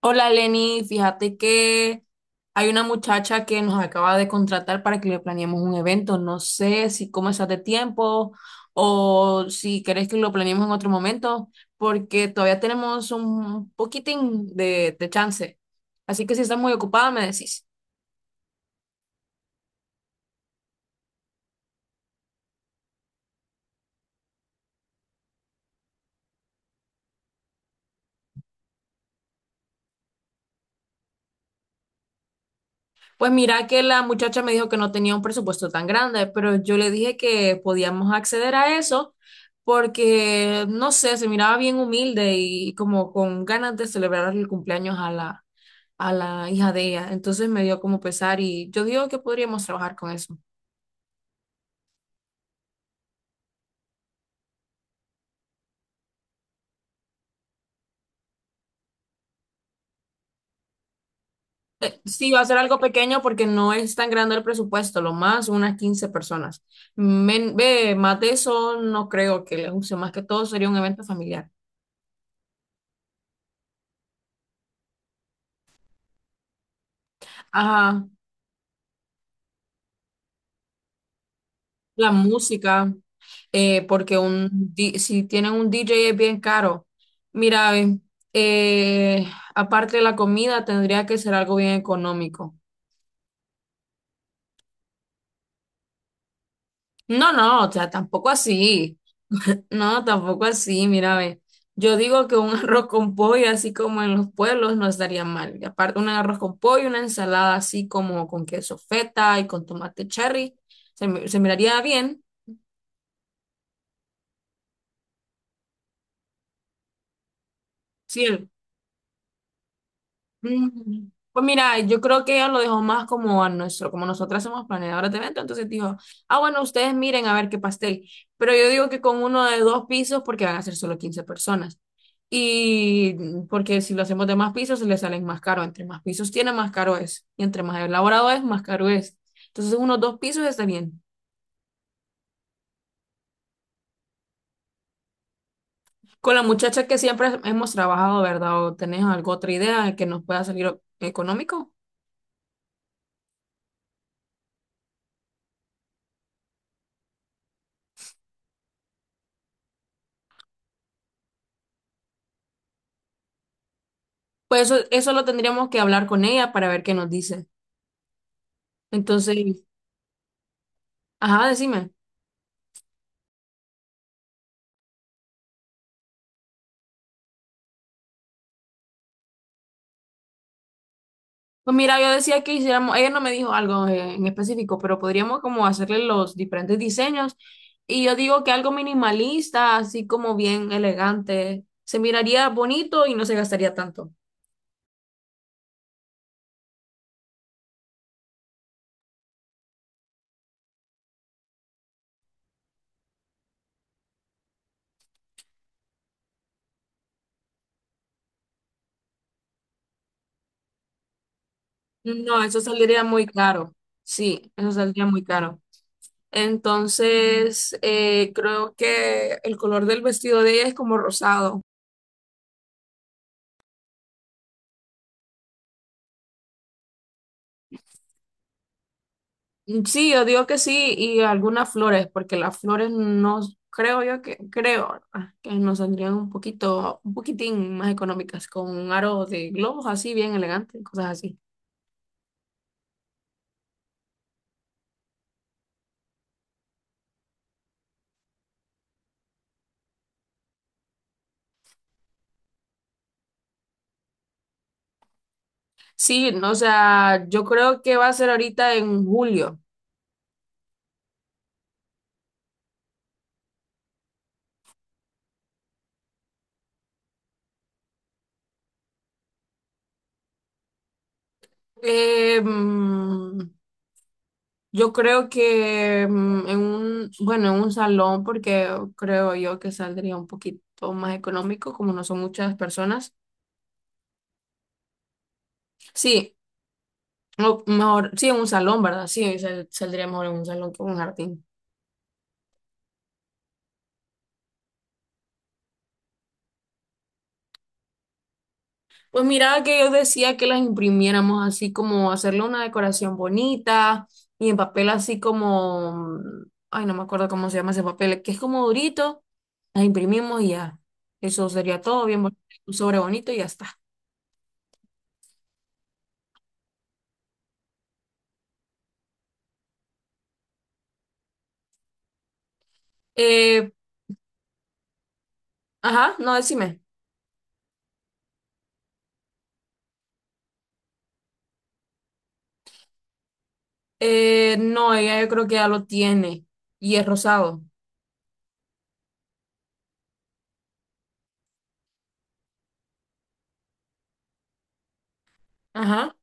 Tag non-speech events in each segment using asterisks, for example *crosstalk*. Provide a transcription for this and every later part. Hola Lenny, fíjate que hay una muchacha que nos acaba de contratar para que le planeemos un evento. No sé si cómo estás de tiempo o si querés que lo planeemos en otro momento, porque todavía tenemos un poquitín de chance. Así que si estás muy ocupada, me decís. Pues mira que la muchacha me dijo que no tenía un presupuesto tan grande, pero yo le dije que podíamos acceder a eso porque, no sé, se miraba bien humilde y como con ganas de celebrar el cumpleaños a a la hija de ella. Entonces me dio como pesar y yo digo que podríamos trabajar con eso. Sí, va a ser algo pequeño porque no es tan grande el presupuesto, lo más unas 15 personas. Ve, más de eso no creo que les use, más que todo sería un evento familiar. Ajá. La música, porque si tienen un DJ es bien caro. Mira, eh, aparte de la comida, tendría que ser algo bien económico. No, no, o sea, tampoco así. No, tampoco así, mira, ve. Yo digo que un *laughs* arroz con pollo, así como en los pueblos, no estaría mal. Y aparte, un arroz con pollo, una ensalada así como con queso feta y con tomate cherry, se miraría bien. Sí. Pues mira, yo creo que ella lo dejó más como a nuestro, como nosotras somos planeadoras de evento, entonces dijo, ah, bueno, ustedes miren a ver qué pastel. Pero yo digo que con uno de dos pisos, porque van a ser solo 15 personas. Y porque si lo hacemos de más pisos, se le salen más caro. Entre más pisos tiene, más caro es. Y entre más elaborado es, más caro es. Entonces, unos dos pisos está bien. Con la muchacha que siempre hemos trabajado, ¿verdad? ¿O tenés alguna otra idea que nos pueda salir económico? Pues eso lo tendríamos que hablar con ella para ver qué nos dice. Entonces, ajá, decime. Pues mira, yo decía que hiciéramos, ella no me dijo algo en específico, pero podríamos como hacerle los diferentes diseños. Y yo digo que algo minimalista, así como bien elegante, se miraría bonito y no se gastaría tanto. No, eso saldría muy caro. Sí, eso saldría muy caro. Entonces, creo que el color del vestido de ella es como rosado. Sí, yo digo que sí, y algunas flores, porque las flores no, creo yo que, creo que nos saldrían un poquito, un poquitín más económicas, con un aro de globos así, bien elegante, cosas así. Sí, no, o sea, yo creo que va a ser ahorita en julio. Eh, mm, yo creo que bueno, en un salón, porque creo yo que saldría un poquito más económico, como no son muchas personas. Sí. O mejor, sí, en un salón, ¿verdad? Sí, saldría mejor en un salón que en un jardín. Pues mira que yo decía que las imprimiéramos así como hacerle una decoración bonita y en papel así como, no me acuerdo cómo se llama ese papel, que es como durito, las imprimimos y ya. Eso sería todo bien bonito, un sobre bonito y ya está. Eh, ajá, no, decime. No, ella yo creo que ya lo tiene y es rosado. Ajá.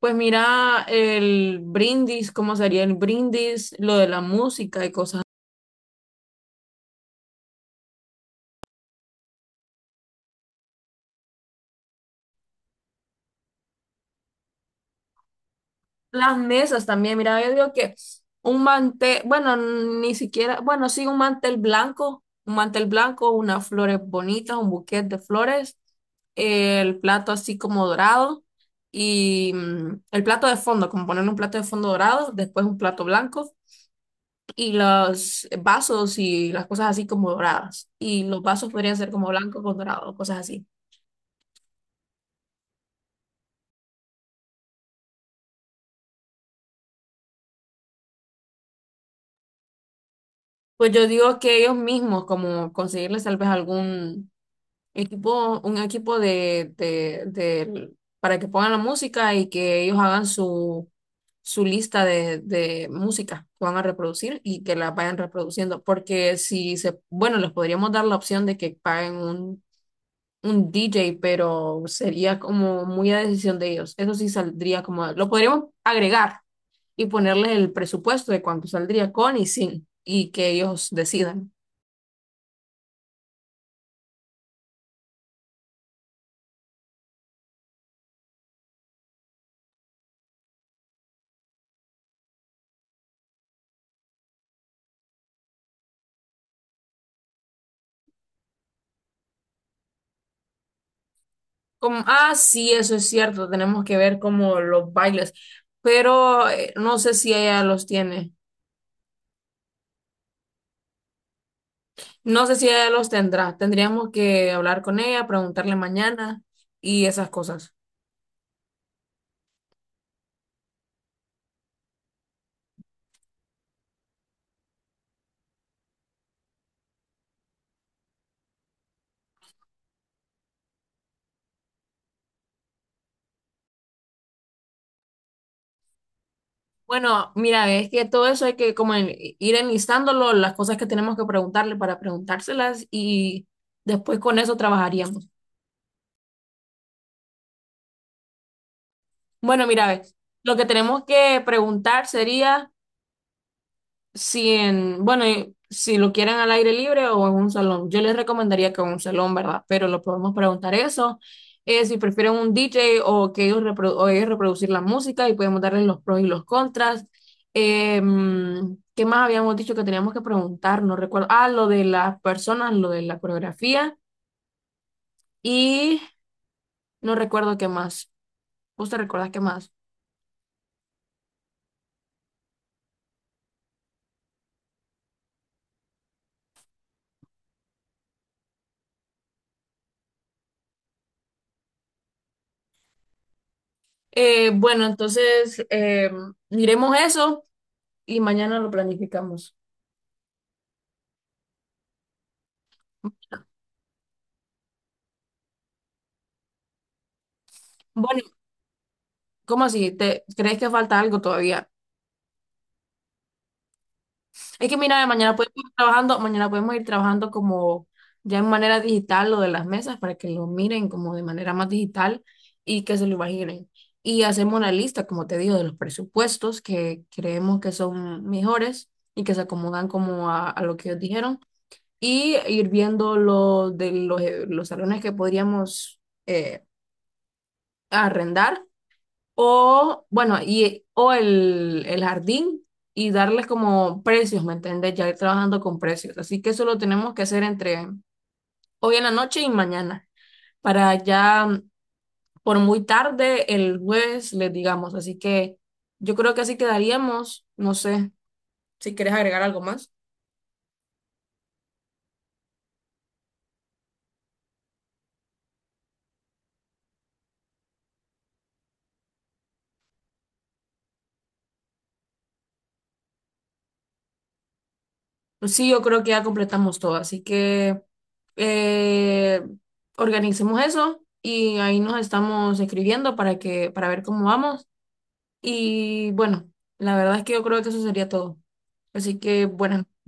Pues mira, el brindis, cómo sería el brindis, lo de la música y cosas. Las mesas también, mira, yo digo que un mantel, bueno, ni siquiera, bueno, sí, un mantel blanco, unas flores bonitas, un buquete de flores, el plato así como dorado y el plato de fondo, como poner un plato de fondo dorado, después un plato blanco y los vasos y las cosas así como doradas. Y los vasos podrían ser como blancos con dorado, cosas así. Pues yo digo que ellos mismos, como conseguirles tal vez algún equipo, un equipo para que pongan la música y que ellos hagan su, su lista de música que van a reproducir y que la vayan reproduciendo. Porque si se, bueno, les podríamos dar la opción de que paguen un DJ, pero sería como muy a decisión de ellos. Eso sí saldría como, lo podríamos agregar y ponerle el presupuesto de cuánto saldría con y sin, y que ellos decidan. Como, ah, sí, eso es cierto, tenemos que ver como los bailes, pero no sé si ella los tiene, no sé si ella los tendrá, tendríamos que hablar con ella, preguntarle mañana y esas cosas. Bueno, mira, es que todo eso hay que como ir enlistándolo, las cosas que tenemos que preguntarle para preguntárselas y después con eso trabajaríamos. Bueno, mira, ve, lo que tenemos que preguntar sería... si en, bueno, y si lo quieren al aire libre o en un salón, yo les recomendaría que en un salón, ¿verdad? Pero lo podemos preguntar eso, si prefieren un DJ o que o ellos reproducir la música y podemos darles los pros y los contras. ¿Qué más habíamos dicho que teníamos que preguntar? No recuerdo. Ah, lo de las personas, lo de la coreografía y no recuerdo qué más. ¿Vos te recuerdas qué más? Bueno, entonces miremos eso y mañana lo planificamos. Bueno, ¿cómo así? ¿Te crees que falta algo todavía? Es que mira, mañana podemos ir trabajando, mañana podemos ir trabajando como ya en manera digital lo de las mesas para que lo miren como de manera más digital y que se lo imaginen. Y hacemos una lista, como te digo, de los presupuestos que creemos que son mejores y que se acomodan como a lo que ellos dijeron y ir viendo lo de los salones que podríamos eh, arrendar. O, bueno, y, o el jardín y darles como precios, ¿me entendés? Ya ir trabajando con precios. Así que eso lo tenemos que hacer entre hoy en la noche y mañana, para ya por muy tarde el jueves les digamos. Así que yo creo que así quedaríamos. No sé si quieres agregar algo más. Sí, yo creo que ya completamos todo. Así que eh, organicemos eso y ahí nos estamos escribiendo para que, para ver cómo vamos. Y bueno, la verdad es que yo creo que eso sería todo. Así que buenas noches.